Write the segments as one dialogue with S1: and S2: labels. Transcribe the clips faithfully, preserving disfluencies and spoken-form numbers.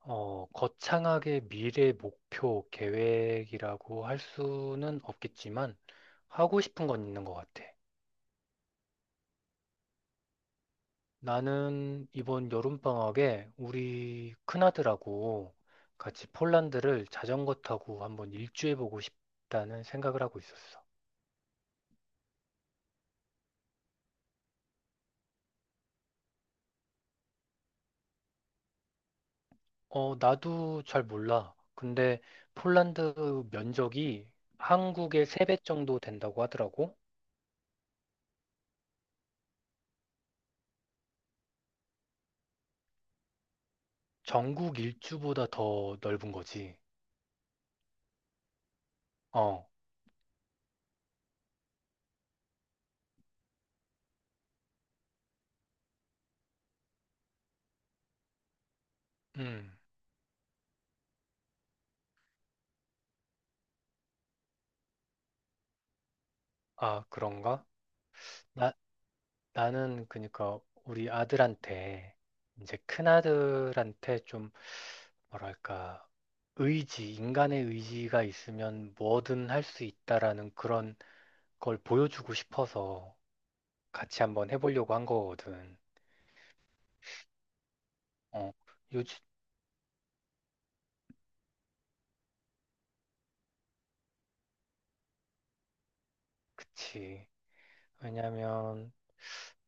S1: 어, 거창하게 미래 목표 계획이라고 할 수는 없겠지만 하고 싶은 건 있는 것 같아. 나는 이번 여름방학에 우리 큰아들하고 같이 폴란드를 자전거 타고 한번 일주해보고 싶다는 생각을 하고 있었어. 어, 나도 잘 몰라. 근데 폴란드 면적이 한국의 세 배 정도 된다고 하더라고. 전국 일주보다 더 넓은 거지. 어, 음. 아, 그런가? 나, 나는 그러니까 우리 아들한테 이제 큰아들한테 좀 뭐랄까 의지, 인간의 의지가 있으면 뭐든 할 수 있다라는 그런 걸 보여주고 싶어서 같이 한번 해보려고 한 거거든. 어, 요즘, 그치. 왜냐면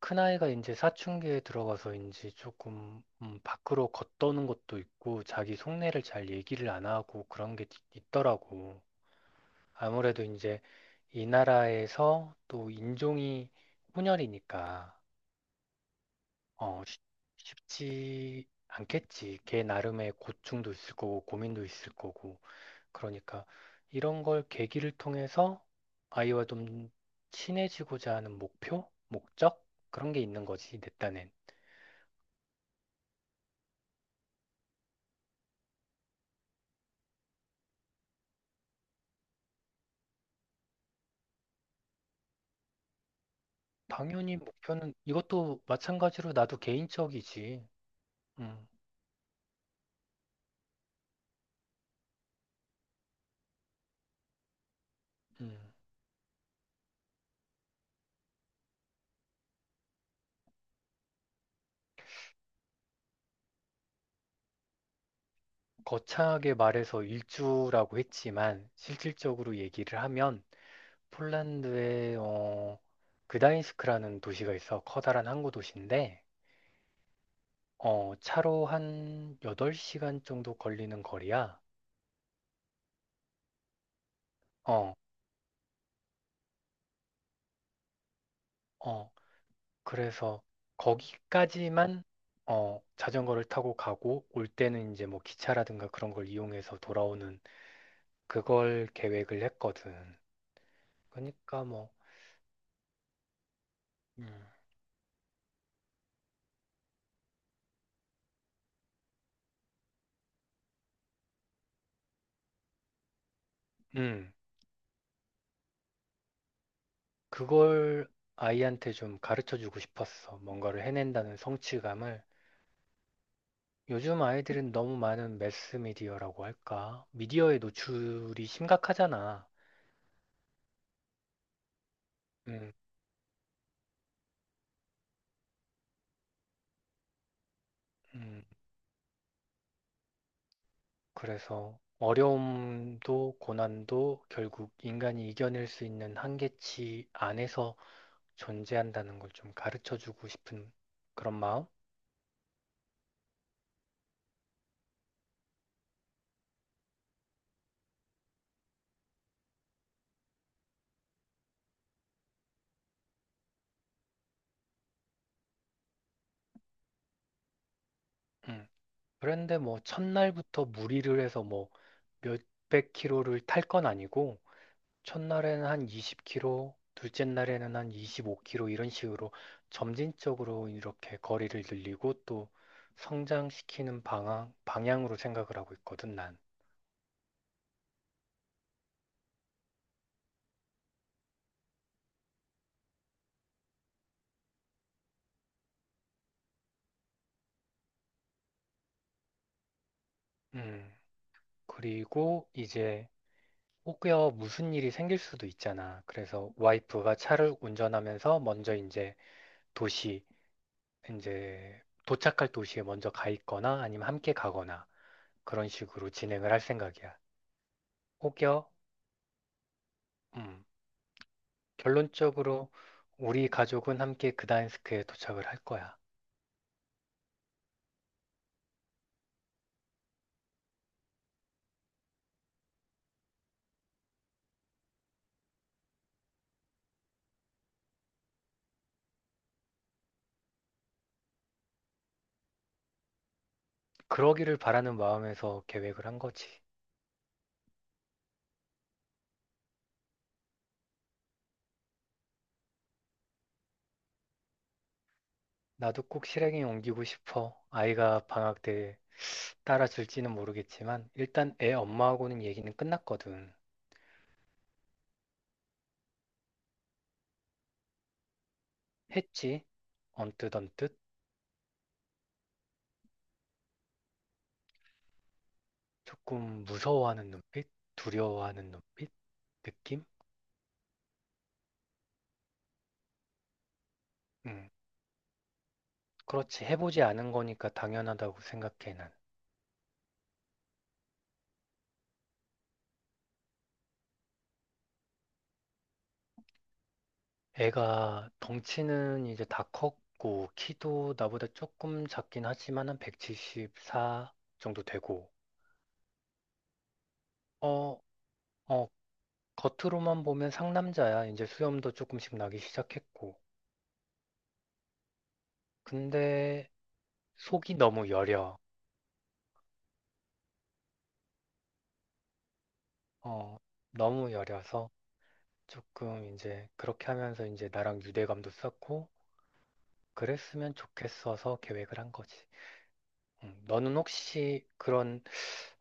S1: 큰아이가 이제 사춘기에 들어가서인지 조금 음, 밖으로 걷도는 것도 있고 자기 속내를 잘 얘기를 안 하고 그런 게 있- 있더라고. 아무래도 이제 이 나라에서 또 인종이 혼혈이니까 어, 쉽- 쉽지 않겠지. 걔 나름의 고충도 있을 거고 고민도 있을 거고. 그러니까 이런 걸 계기를 통해서 아이와 좀 친해지고자 하는 목표, 목적 그런 게 있는 거지, 내 딴엔. 당연히 목표는 이것도 마찬가지로 나도 개인적이지. 음, 음. 거창하게 말해서 일주라고 했지만 실질적으로 얘기를 하면 폴란드의 어, 그다인스크라는 도시가 있어 커다란 항구 도시인데 어, 차로 한 여덟 시간 정도 걸리는 거리야. 어, 어, 그래서 거기까지만 어, 자전거를 타고 가고 올 때는 이제 뭐 기차라든가 그런 걸 이용해서 돌아오는 그걸 계획을 했거든. 그러니까 뭐 음, 음. 그걸 아이한테 좀 가르쳐 주고 싶었어. 뭔가를 해낸다는 성취감을. 요즘 아이들은 너무 많은 매스미디어라고 할까? 미디어에 노출이 심각하잖아. 음, 음, 그래서 어려움도 고난도 결국 인간이 이겨낼 수 있는 한계치 안에서 존재한다는 걸 좀 가르쳐 주고 싶은 그런 마음? 음. 그런데 뭐 첫날부터 무리를 해서 뭐 몇백 킬로를 탈 건 아니고 첫날에는 한 이십 킬로미터, 둘째 날에는 한 이십오 킬로미터 이런 식으로 점진적으로 이렇게 거리를 늘리고 또 성장시키는 방향, 방향으로 생각을 하고 있거든, 난. 음, 그리고 이제 혹여 무슨 일이 생길 수도 있잖아. 그래서 와이프가 차를 운전하면서 먼저 이제 도시, 이제 도착할 도시에 먼저 가 있거나 아니면 함께 가거나 그런 식으로 진행을 할 생각이야. 혹여, 음, 결론적으로 우리 가족은 함께 그다인스크에 도착을 할 거야. 그러기를 바라는 마음에서 계획을 한 거지. 나도 꼭 실행에 옮기고 싶어. 아이가 방학 때 따라줄지는 모르겠지만 일단 애 엄마하고는 얘기는 끝났거든. 했지. 언뜻 언뜻 조금 무서워하는 눈빛, 두려워하는 눈빛, 느낌? 음, 그렇지. 해보지 않은 거니까 당연하다고 생각해 난. 애가 덩치는 이제 다 컸고, 키도 나보다 조금 작긴 하지만 한 백칠십사 정도 되고, 어, 어, 겉으로만 보면 상남자야. 이제 수염도 조금씩 나기 시작했고. 근데 속이 너무 여려. 어, 너무 여려서 조금 이제 그렇게 하면서 이제 나랑 유대감도 쌓고, 그랬으면 좋겠어서 계획을 한 거지. 음, 너는 혹시 그런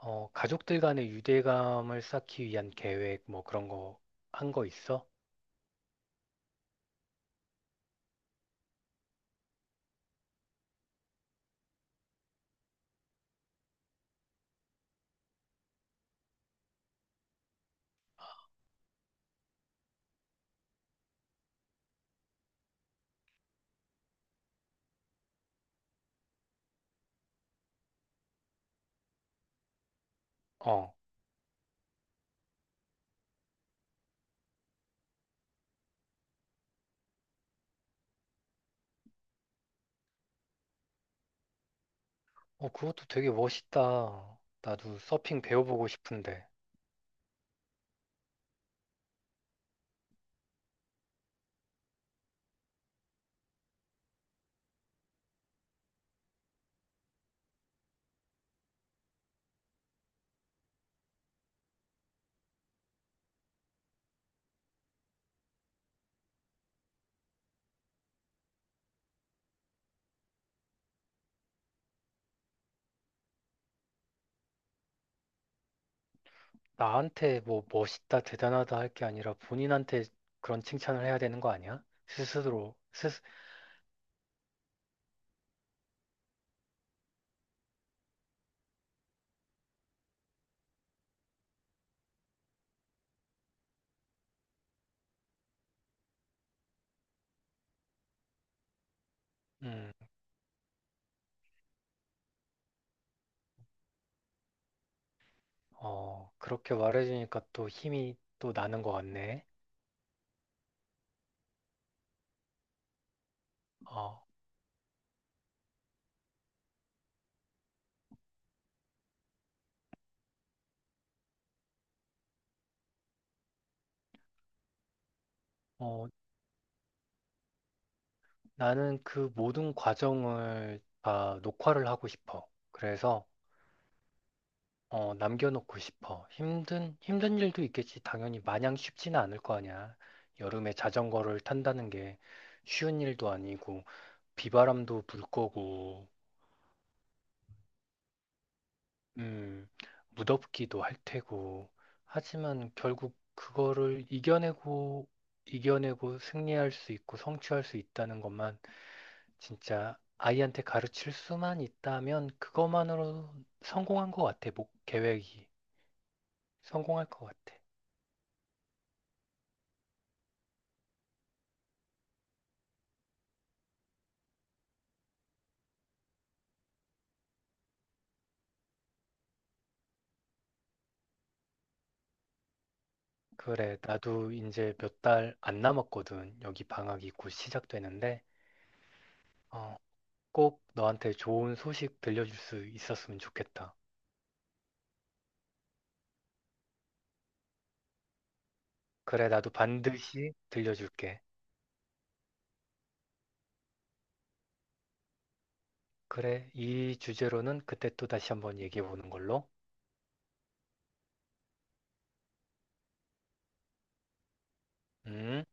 S1: 어, 가족들 간의 유대감을 쌓기 위한 계획, 뭐 그런 거, 한 거 있어? 어, 어, 그것도 되게 멋있다. 나도 서핑 배워보고 싶은데. 나한테 뭐 멋있다, 대단하다 할 게 아니라 본인한테 그런 칭찬을 해야 되는 거 아니야? 스스로, 스스, 음, 어, 그렇게 말해주니까 또 힘이 또 나는 것 같네. 어, 어, 나는 그 모든 과정을 다 녹화를 하고 싶어. 그래서 어, 남겨놓고 싶어. 힘든, 힘든 일도 있겠지. 당연히 마냥 쉽지는 않을 거 아니야. 여름에 자전거를 탄다는 게 쉬운 일도 아니고, 비바람도 불 거고, 음, 무덥기도 할 테고. 하지만 결국 그거를 이겨내고, 이겨내고 승리할 수 있고 성취할 수 있다는 것만 진짜 아이한테 가르칠 수만 있다면 그것만으로 성공한 것 같아. 목, 계획이. 성공할 것 같아. 그래, 나도 이제 몇 달 안 남았거든. 여기 방학이 곧 시작되는데, 어, 꼭 너한테 좋은 소식 들려줄 수 있었으면 좋겠다. 그래, 나도 반드시 들려줄게. 그래, 이 주제로는 그때 또 다시 한번 얘기해 보는 걸로. 음.